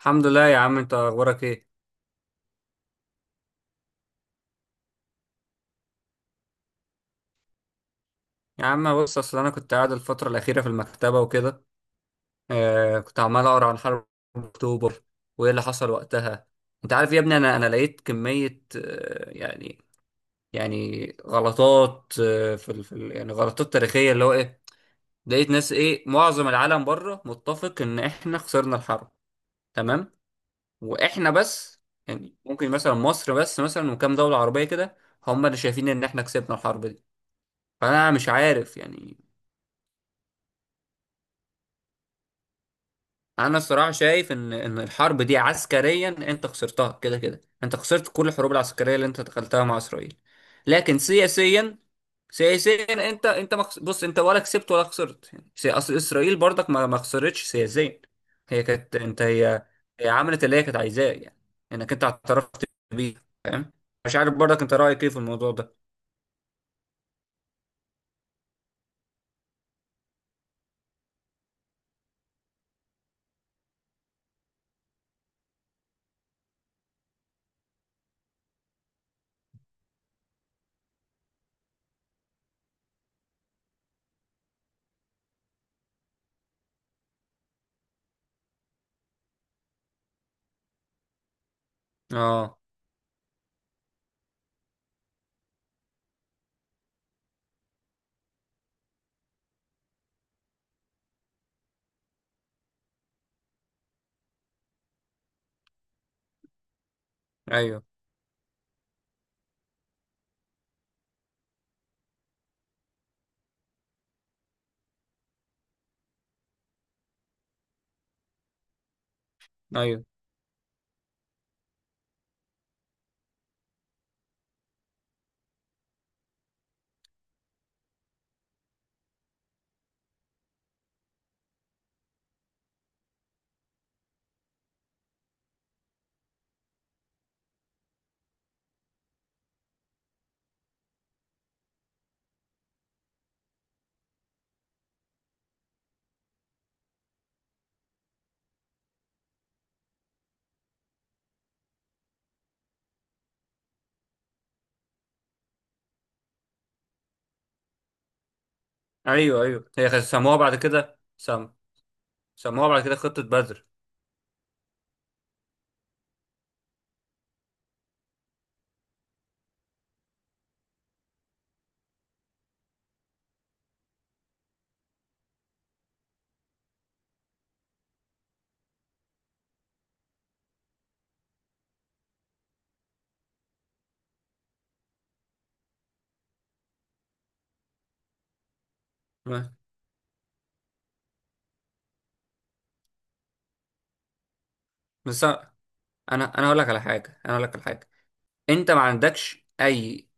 الحمد لله يا عم، انت اخبارك ايه؟ يا عم بص، اصل انا كنت قاعد الفتره الاخيره في المكتبه وكده. كنت عمال اقرا عن حرب اكتوبر وايه اللي حصل وقتها. انت عارف يا ابني، انا لقيت كميه، يعني غلطات، في ال في ال يعني غلطات تاريخيه اللي هو ايه. لقيت ناس، ايه، معظم العالم بره متفق ان احنا خسرنا الحرب. تمام. واحنا بس يعني ممكن مثلا مصر بس مثلا، وكام دوله عربيه كده هم اللي شايفين ان احنا كسبنا الحرب دي. فانا مش عارف يعني. انا الصراحه شايف ان الحرب دي عسكريا انت خسرتها، كده كده انت خسرت كل الحروب العسكريه اللي انت دخلتها مع اسرائيل. لكن سياسيا، سياسيا انت بص، انت ولا كسبت ولا خسرت يعني، اصل اسرائيل برضك ما خسرتش سياسيا. هي كانت انت هي هي عملت اللي هي كانت عايزاه يعني، انك انت اعترفت بيه، فاهم. مش عارف برضك انت رايك ايه في الموضوع ده. اه، ايوه، ايوه، ايوه، ايوه. هي سموها بعد كده سموها بعد كده خطه بدر. آه، بس انا اقول لك على حاجه، انا اقول لك على حاجه. انت ما عندكش اي،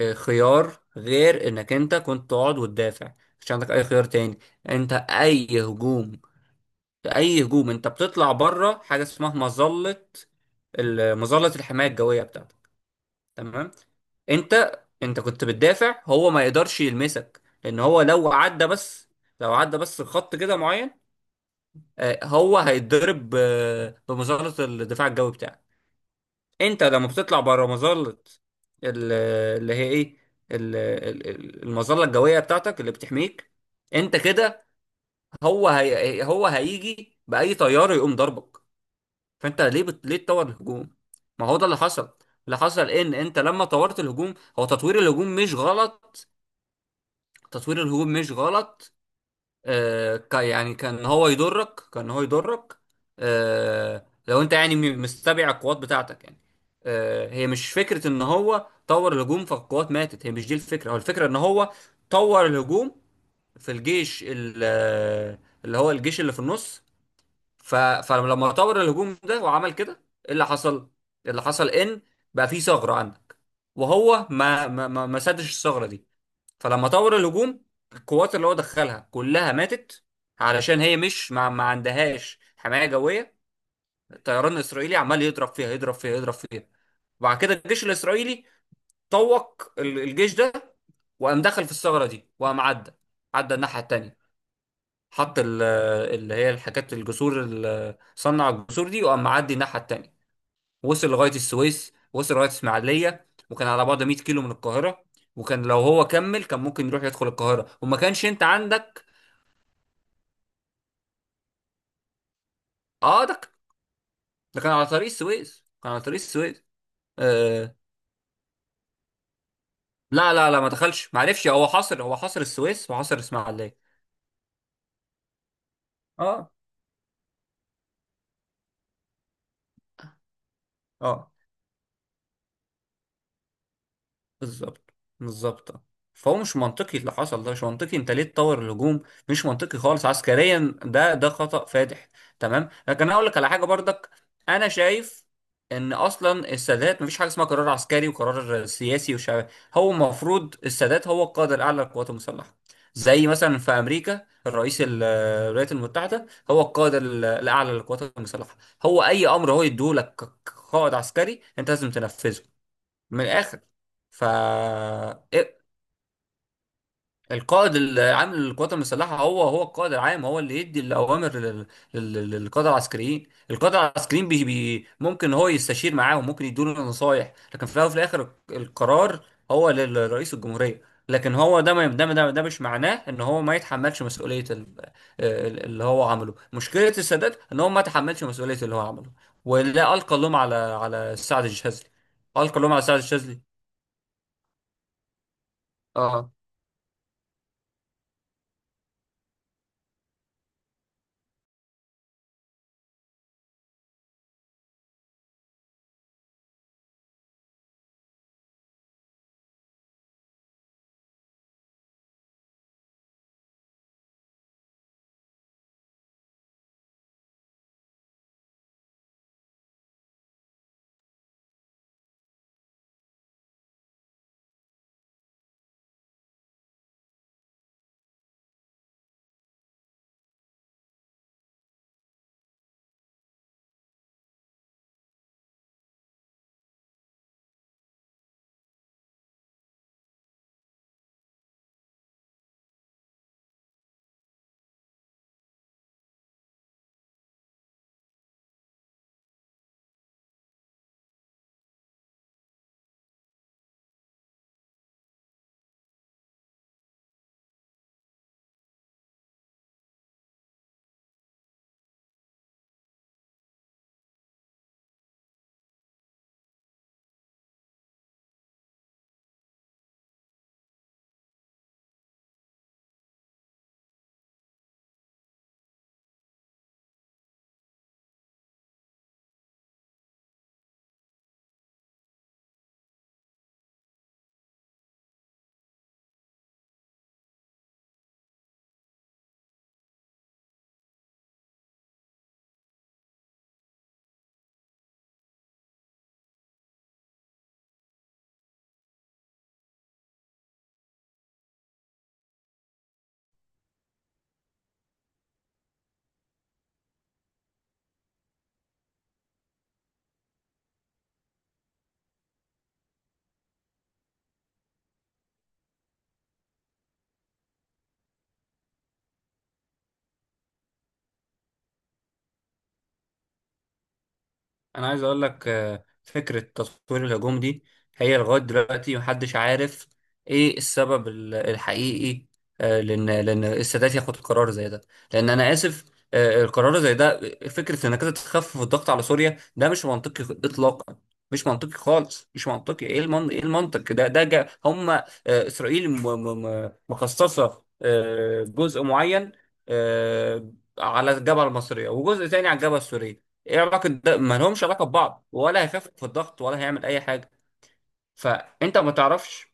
خيار غير انك انت كنت تقعد وتدافع. مش عندك اي خيار تاني. انت اي هجوم انت بتطلع بره حاجه اسمها مظله، مظله الحمايه الجويه بتاعتك. تمام. انت كنت بتدافع، هو ما يقدرش يلمسك، لان هو لو عدى بس لو عدى بس خط كده معين، هو هيتضرب، بمظله الدفاع الجوي بتاعك. انت لما بتطلع بره مظله ال- اللي هي ايه ال- ال- ال- المظله الجويه بتاعتك اللي بتحميك انت كده، هو هيجي باي طياره يقوم ضربك. فانت ليه تطور الهجوم؟ ما هو ده اللي حصل. اللي حصل ان انت لما طورت الهجوم، هو تطوير الهجوم مش غلط تطوير الهجوم مش غلط. يعني كان هو يضرك، كان هو يضرك. لو انت يعني، مستبع القوات بتاعتك يعني. هي مش فكرة ان هو طور الهجوم فالقوات ماتت هي مش دي الفكرة هو الفكرة ان هو طور الهجوم في الجيش، اللي هو الجيش اللي في النص. فلما طور الهجوم ده وعمل كده، ايه اللي حصل؟ إيه اللي حصل؟ ان بقى في ثغرة عندك، وهو ما سدش الثغرة دي. فلما طور الهجوم، القوات اللي هو دخلها كلها ماتت، علشان هي مش ما عندهاش حماية جوية. الطيران الإسرائيلي عمال يضرب فيها يضرب فيها. وبعد كده الجيش الإسرائيلي طوق الجيش ده، وقام دخل في الثغرة دي، وقام عدى الناحية التانية. حط ال- اللي هي الحاجات الجسور، صنع الجسور دي، وقام معدي الناحية التانية. وصل لغايه السويس، وصل لغايه اسماعيليه، وكان على بعد 100 كيلو من القاهره. وكان لو هو كمل كان ممكن يروح يدخل القاهره، وما كانش انت عندك. اه، ده كان على طريق السويس، كان على طريق السويس. آه، لا لا لا، ما دخلش، ما عرفش. هو حاصر السويس وحاصر اسماعيليه. اه، اه، بالظبط، بالظبط. فهو مش منطقي، اللي حصل ده مش منطقي. انت ليه تطور الهجوم؟ مش منطقي خالص عسكريا، ده ده خطأ فادح. تمام. لكن انا اقول لك على حاجه برضك، انا شايف ان اصلا السادات مفيش حاجه اسمها قرار عسكري وقرار سياسي وشعبي. هو المفروض السادات هو القائد الاعلى للقوات المسلحه، زي مثلا في امريكا الرئيس الولايات المتحده هو القائد الاعلى للقوات المسلحه. هو اي امر هو يديه لك كقائد عسكري انت لازم تنفذه من الاخر. ف إيه؟ القائد العام للقوات المسلحه، هو القائد العام هو اللي يدي الاوامر للقاده العسكريين. القاده العسكريين بي بي ممكن هو يستشير معاهم، ممكن يدوا له نصايح، لكن في الاول وفي الاخر القرار هو لرئيس الجمهوريه. لكن هو ده، ما ده ده ده مش معناه ان هو ما يتحملش مسؤوليه اللي هو عمله. مشكله السادات ان هو ما تحملش مسؤوليه اللي هو عمله، ولا القى اللوم على سعد الشاذلي، القى اللوم على سعد الشاذلي. اه. انا عايز اقول لك، فكره تطوير الهجوم دي، هي لغايه دلوقتي محدش عارف ايه السبب الحقيقي. لان السادات ياخد قرار زي ده، لان انا اسف، القرار زي ده، فكره انك انت تخفف الضغط على سوريا، ده مش منطقي اطلاقا. مش منطقي خالص، مش منطقي. ايه ايه المنطق ده؟ ده جا هم، اسرائيل مخصصه، جزء معين، آه، على الجبهه المصريه، وجزء تاني على الجبهه السوريه. ايه علاقه ده؟ ما لهمش علاقه ببعض، ولا هيخفف في الضغط ولا هيعمل اي حاجه. فانت ما تعرفش.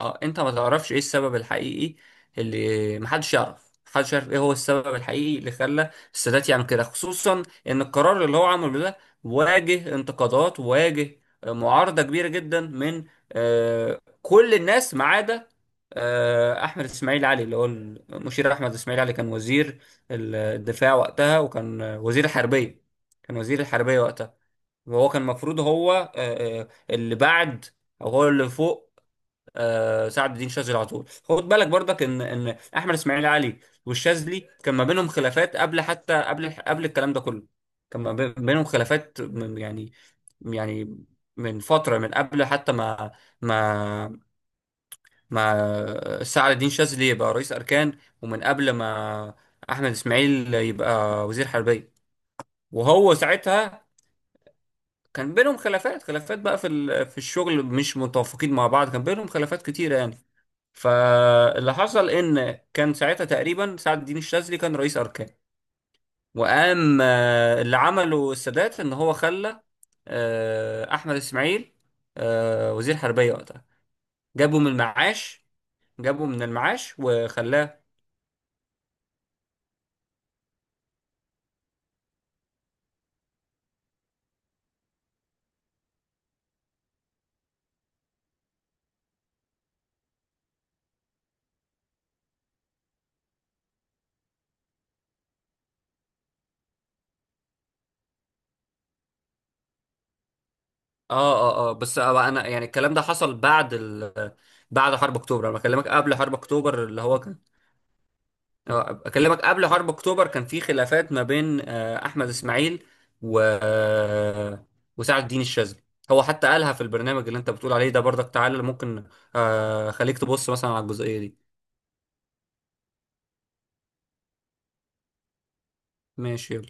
اه، انت ما تعرفش ايه السبب الحقيقي، اللي محدش يعرف، محدش يعرف ايه هو السبب الحقيقي اللي خلى السادات يعمل كده، خصوصا ان القرار اللي هو عمله ده واجه انتقادات، واجه معارضة كبيرة جدا من كل الناس ما عدا احمد اسماعيل علي. اللي هو المشير احمد اسماعيل علي كان وزير الدفاع وقتها، وكان وزير الحربية، كان وزير الحربية وقتها. وهو كان المفروض هو، اللي بعد او هو اللي فوق سعد الدين شاذلي على طول. خد بالك برضك ان احمد اسماعيل علي والشاذلي كان ما بينهم خلافات قبل، حتى قبل الكلام ده كله. كان ما بينهم خلافات من يعني، يعني من فتره، من قبل حتى ما ما سعد الدين شاذلي يبقى رئيس اركان، ومن قبل ما احمد اسماعيل يبقى وزير حربيه، وهو ساعتها كان بينهم خلافات. خلافات بقى في في الشغل، مش متوافقين مع بعض، كان بينهم خلافات كتيرة يعني. فاللي حصل ان كان ساعتها تقريبا سعد الدين الشاذلي كان رئيس اركان، وقام، اللي عمله السادات ان هو خلى احمد اسماعيل وزير حربيه وقتها. جابه من المعاش، جابه من المعاش وخلاه. اه بس، انا يعني الكلام ده حصل بعد بعد حرب اكتوبر، انا بكلمك قبل حرب اكتوبر اللي هو كان. اه، اكلمك قبل حرب اكتوبر كان في خلافات ما بين احمد اسماعيل و وسعد الدين الشاذلي. هو حتى قالها في البرنامج اللي انت بتقول عليه ده برضك. تعالى ممكن، خليك تبص مثلا على الجزئية دي. ماشي يلا.